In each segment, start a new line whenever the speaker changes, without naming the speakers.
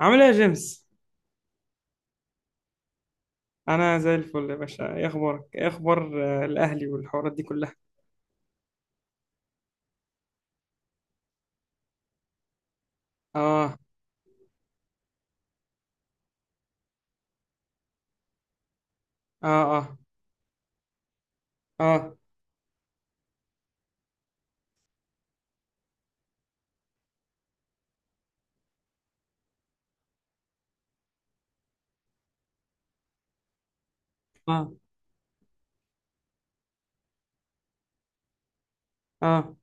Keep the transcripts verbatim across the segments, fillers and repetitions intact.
عامل ايه يا جيمس؟ انا زي الفل يا باشا. ايه اخبارك؟ ايه اخبار آه، الاهلي والحوارات دي كلها؟ اه. اه. اه. اه. اه. اه.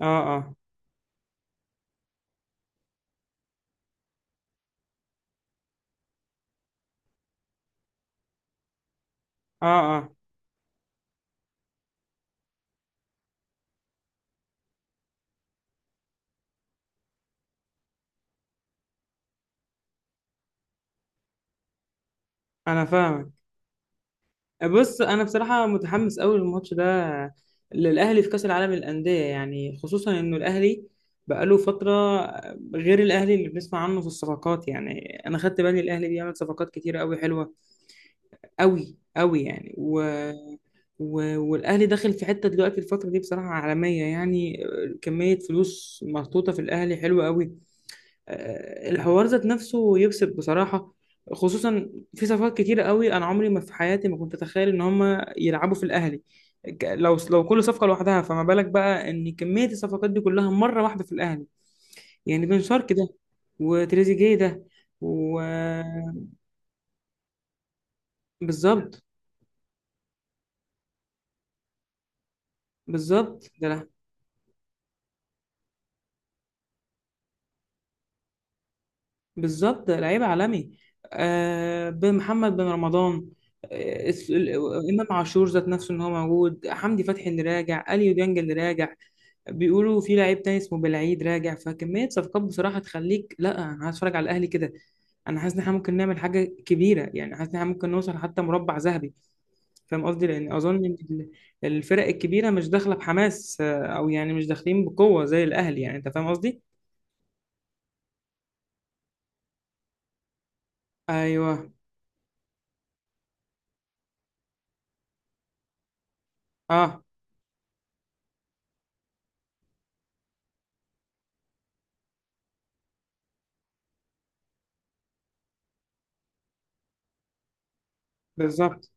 اه. اه. اه. اه. انا فاهمك. بص، انا بصراحه متحمس قوي للماتش ده، للاهلي في كاس العالم للانديه، يعني خصوصا انه الاهلي بقاله فتره. غير الاهلي اللي بنسمع عنه في الصفقات، يعني انا خدت بالي الاهلي بيعمل صفقات كتيره قوي حلوه قوي قوي يعني. و... و... والاهلي داخل في حته دلوقتي الفتره دي بصراحه عالميه، يعني آه، كميه فلوس محطوطه في الاهلي حلوه قوي. آه، الحوار ذات نفسه يكسب بصراحه، خصوصا في صفقات كتيره قوي. انا عمري ما في حياتي ما كنت اتخيل ان هم يلعبوا في الاهلي، ك- لو لو كل صفقه لوحدها، فما بالك بقى ان كميه الصفقات دي كلها مره واحده في الاهلي؟ يعني بن شرقي ده، وتريزيجيه ده، و بالظبط. بالظبط ده. بالظبط، لعيب عالمي. آه، بمحمد بن رمضان. آه الس- ال- امام عاشور ذات نفسه ان هو موجود، حمدي فتحي اللي راجع، اليو ديانج اللي راجع. بيقولوا في لعيب تاني اسمه بالعيد راجع، فكميه صفقات بصراحه تخليك، لا انا عايز اتفرج على الاهلي كده. انا حاسس ان احنا ممكن نعمل حاجه كبيره، يعني حاسس ان احنا ممكن نوصل حتى مربع ذهبي، فاهم قصدي؟ لان اظن إن ال- الفرق الكبيره مش داخله بحماس، آه، او يعني مش داخلين بقوه زي الاهلي، يعني انت فاهم قصدي. ايوه. اه. بالظبط.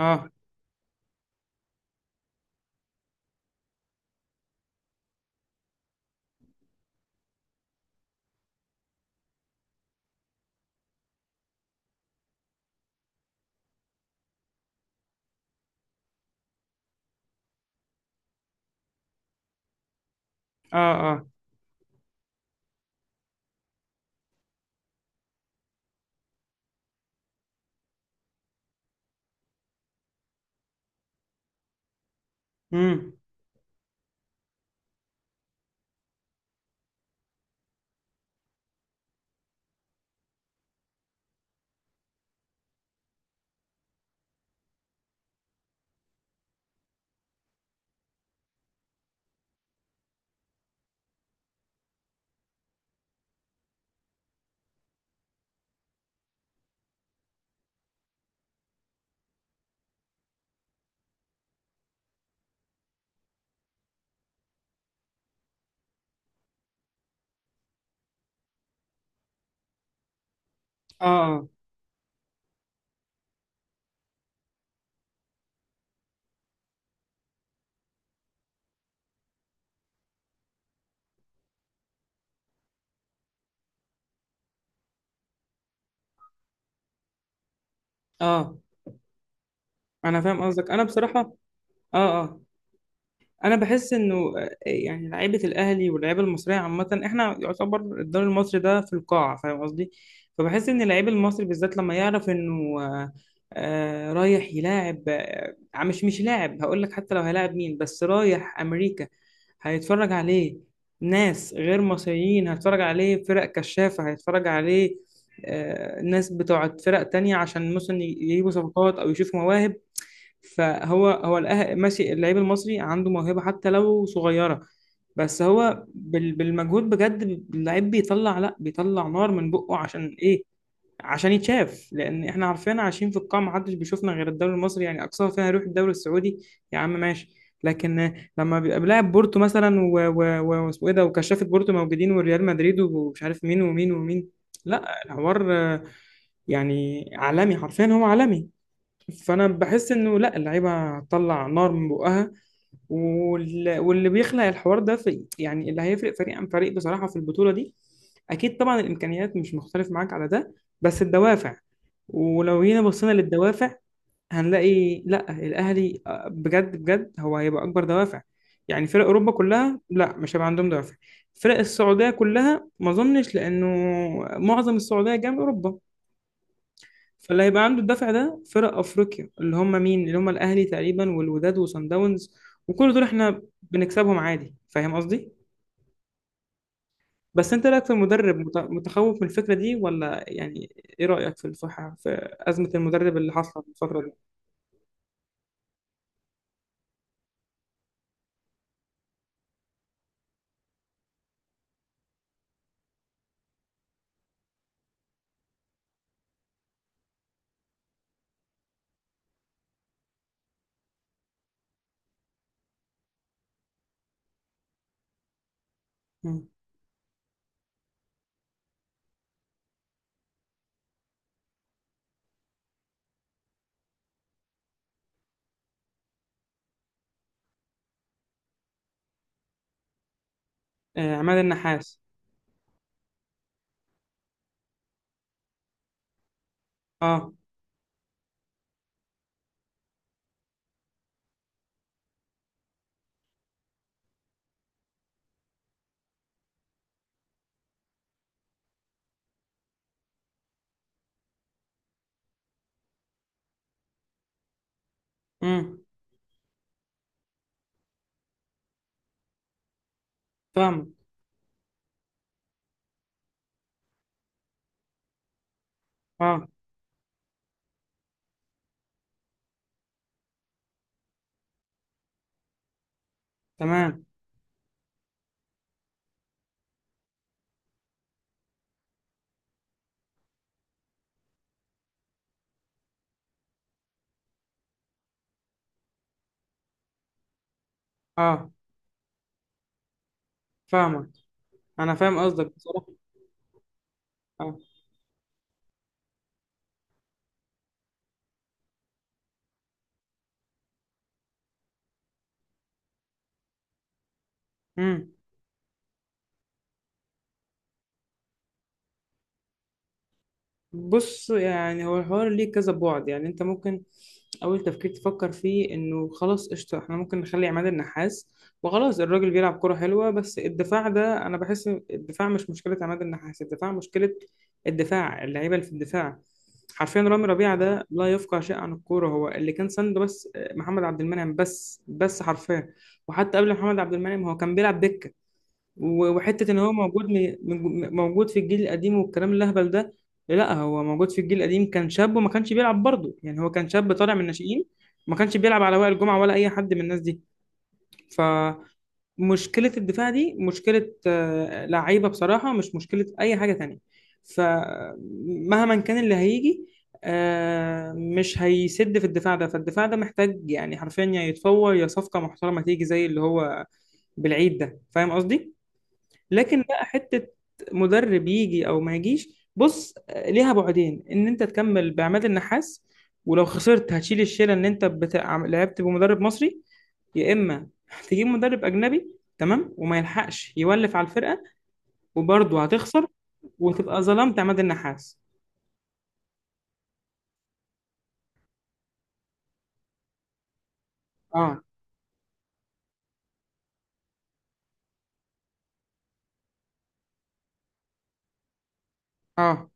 اه. اه. اه. امم. اه. اه. اه. انا فاهم قصدك، انا بصراحه. اه. اه. انا بحس انه آه، يعني لعيبه الاهلي واللعيبه المصريه عامه، احنا يعتبر الدوري المصري ده في القاع، فاهم قصدي؟ فبحس ان اللعيب المصري بالذات لما يعرف انه آه، آه، رايح يلاعب، آه، مش مش لاعب، هقول لك حتى لو هيلاعب مين، بس رايح امريكا، هيتفرج عليه ناس غير مصريين، هيتفرج عليه فرق كشافه، هيتفرج عليه آه، ناس بتوع فرق تانية عشان مثلا يجيبوا صفقات او يشوفوا مواهب. فهو هو الأه- ماشي، اللعيب المصري عنده موهبة حتى لو صغيرة، بس هو بال- بالمجهود بجد. اللعيب بيطلع، لا بيطلع نار من بقه. عشان ايه؟ عشان يتشاف، لان احنا عارفين عايشين في القاع، محدش بيشوفنا غير الدوري المصري، يعني اقصاها فيها يروح الدوري السعودي يا عم ماشي. لكن لما بيبقى بلاعب بورتو مثلا و- و- و- واسمه ايه ده، وكشافة بورتو موجودين والريال مدريد ومش عارف مين ومين ومين. لا، الحوار آه، يعني عالمي، حرفيا هو عالمي. فانا بحس انه لا، اللعيبه هتطلع نار من بقها، وال- واللي بيخلق الحوار ده في، يعني اللي هيفرق فريق عن فريق بصراحه في البطوله دي. اكيد طبعا الامكانيات مش مختلف معاك على ده، بس الدوافع. ولو جينا بصينا للدوافع هنلاقي، لا الاهلي آه، بجد بجد هو هيبقى اكبر دوافع. يعني فرق اوروبا كلها لا، مش هيبقى عندهم دوافع. فرق السعوديه كلها ما اظنش، لانه معظم السعوديه جايه من اوروبا. فاللي هيبقى عنده الدفع ده فرق افريقيا، اللي هم مين؟ اللي هم الاهلي تقريبا والوداد وصن داونز، وكل دول احنا بنكسبهم عادي، فاهم قصدي؟ بس انت إيه رايك في المدرب، مت- متخوف من الفكره دي ولا يعني؟ ايه رايك في الصحه، في ازمه المدرب اللي حصلت الفتره دي؟ مم. آه، عماد النحاس. اه. امم. فاهمك. اه. تمام. اه. فاهمك. انا فاهم قصدك بصراحه. اه. امم. بص، يعني هو الحوار ليه كذا بعد، يعني انت ممكن اول تفكير تفكر فيه انه خلاص قشطه، احنا ممكن نخلي عماد النحاس وخلاص، الراجل بيلعب كرة حلوه. بس الدفاع ده، انا بحس الدفاع مش مشكله عماد النحاس، الدفاع مشكله الدفاع، اللعيبه اللي في الدفاع. حرفيا رامي ربيعه ده لا يفقه شيء عن الكوره، هو اللي كان سنده بس محمد عبد المنعم، بس بس حرفيا. وحتى قبل محمد عبد المنعم هو كان بيلعب دكه. و- وحتة إن هو موجود من من- موجود في الجيل القديم والكلام الأهبل ده. لا، هو موجود في الجيل القديم كان شاب وما كانش بيلعب برضه، يعني هو كان شاب طالع من الناشئين، ما كانش بيلعب على وائل جمعة ولا أي حد من الناس دي. فمشكلة الدفاع دي مشكلة آه، لعيبة بصراحة، مش مشكلة أي حاجة تانية. فمهما كان اللي هيجي آه، مش هيسد في الدفاع ده، فالدفاع ده محتاج يعني حرفيا، يا يتفور يا صفقة محترمة تيجي زي اللي هو بالعيد ده، فاهم قصدي؟ لكن بقى حتة مدرب يجي او ما يجيش بص ليها بعدين، ان انت تكمل بعماد النحاس ولو خسرت هتشيل الشيله ان انت بتاع لعبت بمدرب مصري، يا اما هتجيب مدرب اجنبي تمام وما يلحقش يولف على الفرقه وبرضه هتخسر، وتبقى ظلمت عماد النحاس. اه. اه.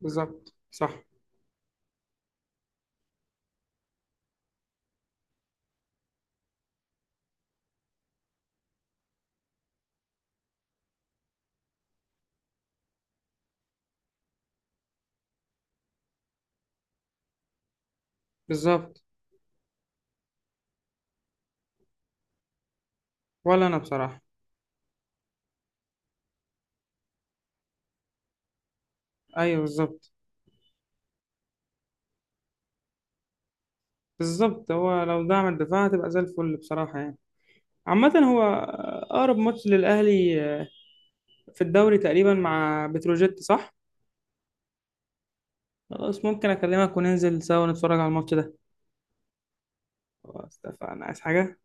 بالظبط صح. بالظبط. ولا انا بصراحه. ايوه بالظبط. بالظبط، هو لو دعم الدفاع هتبقى زي الفل بصراحه، يعني عامة هو أقرب ماتش للأهلي في الدوري تقريبا مع بتروجيت صح؟ خلاص، ممكن أكلمك وننزل سوا نتفرج على الماتش ده. خلاص اتفقنا، عايز حاجة؟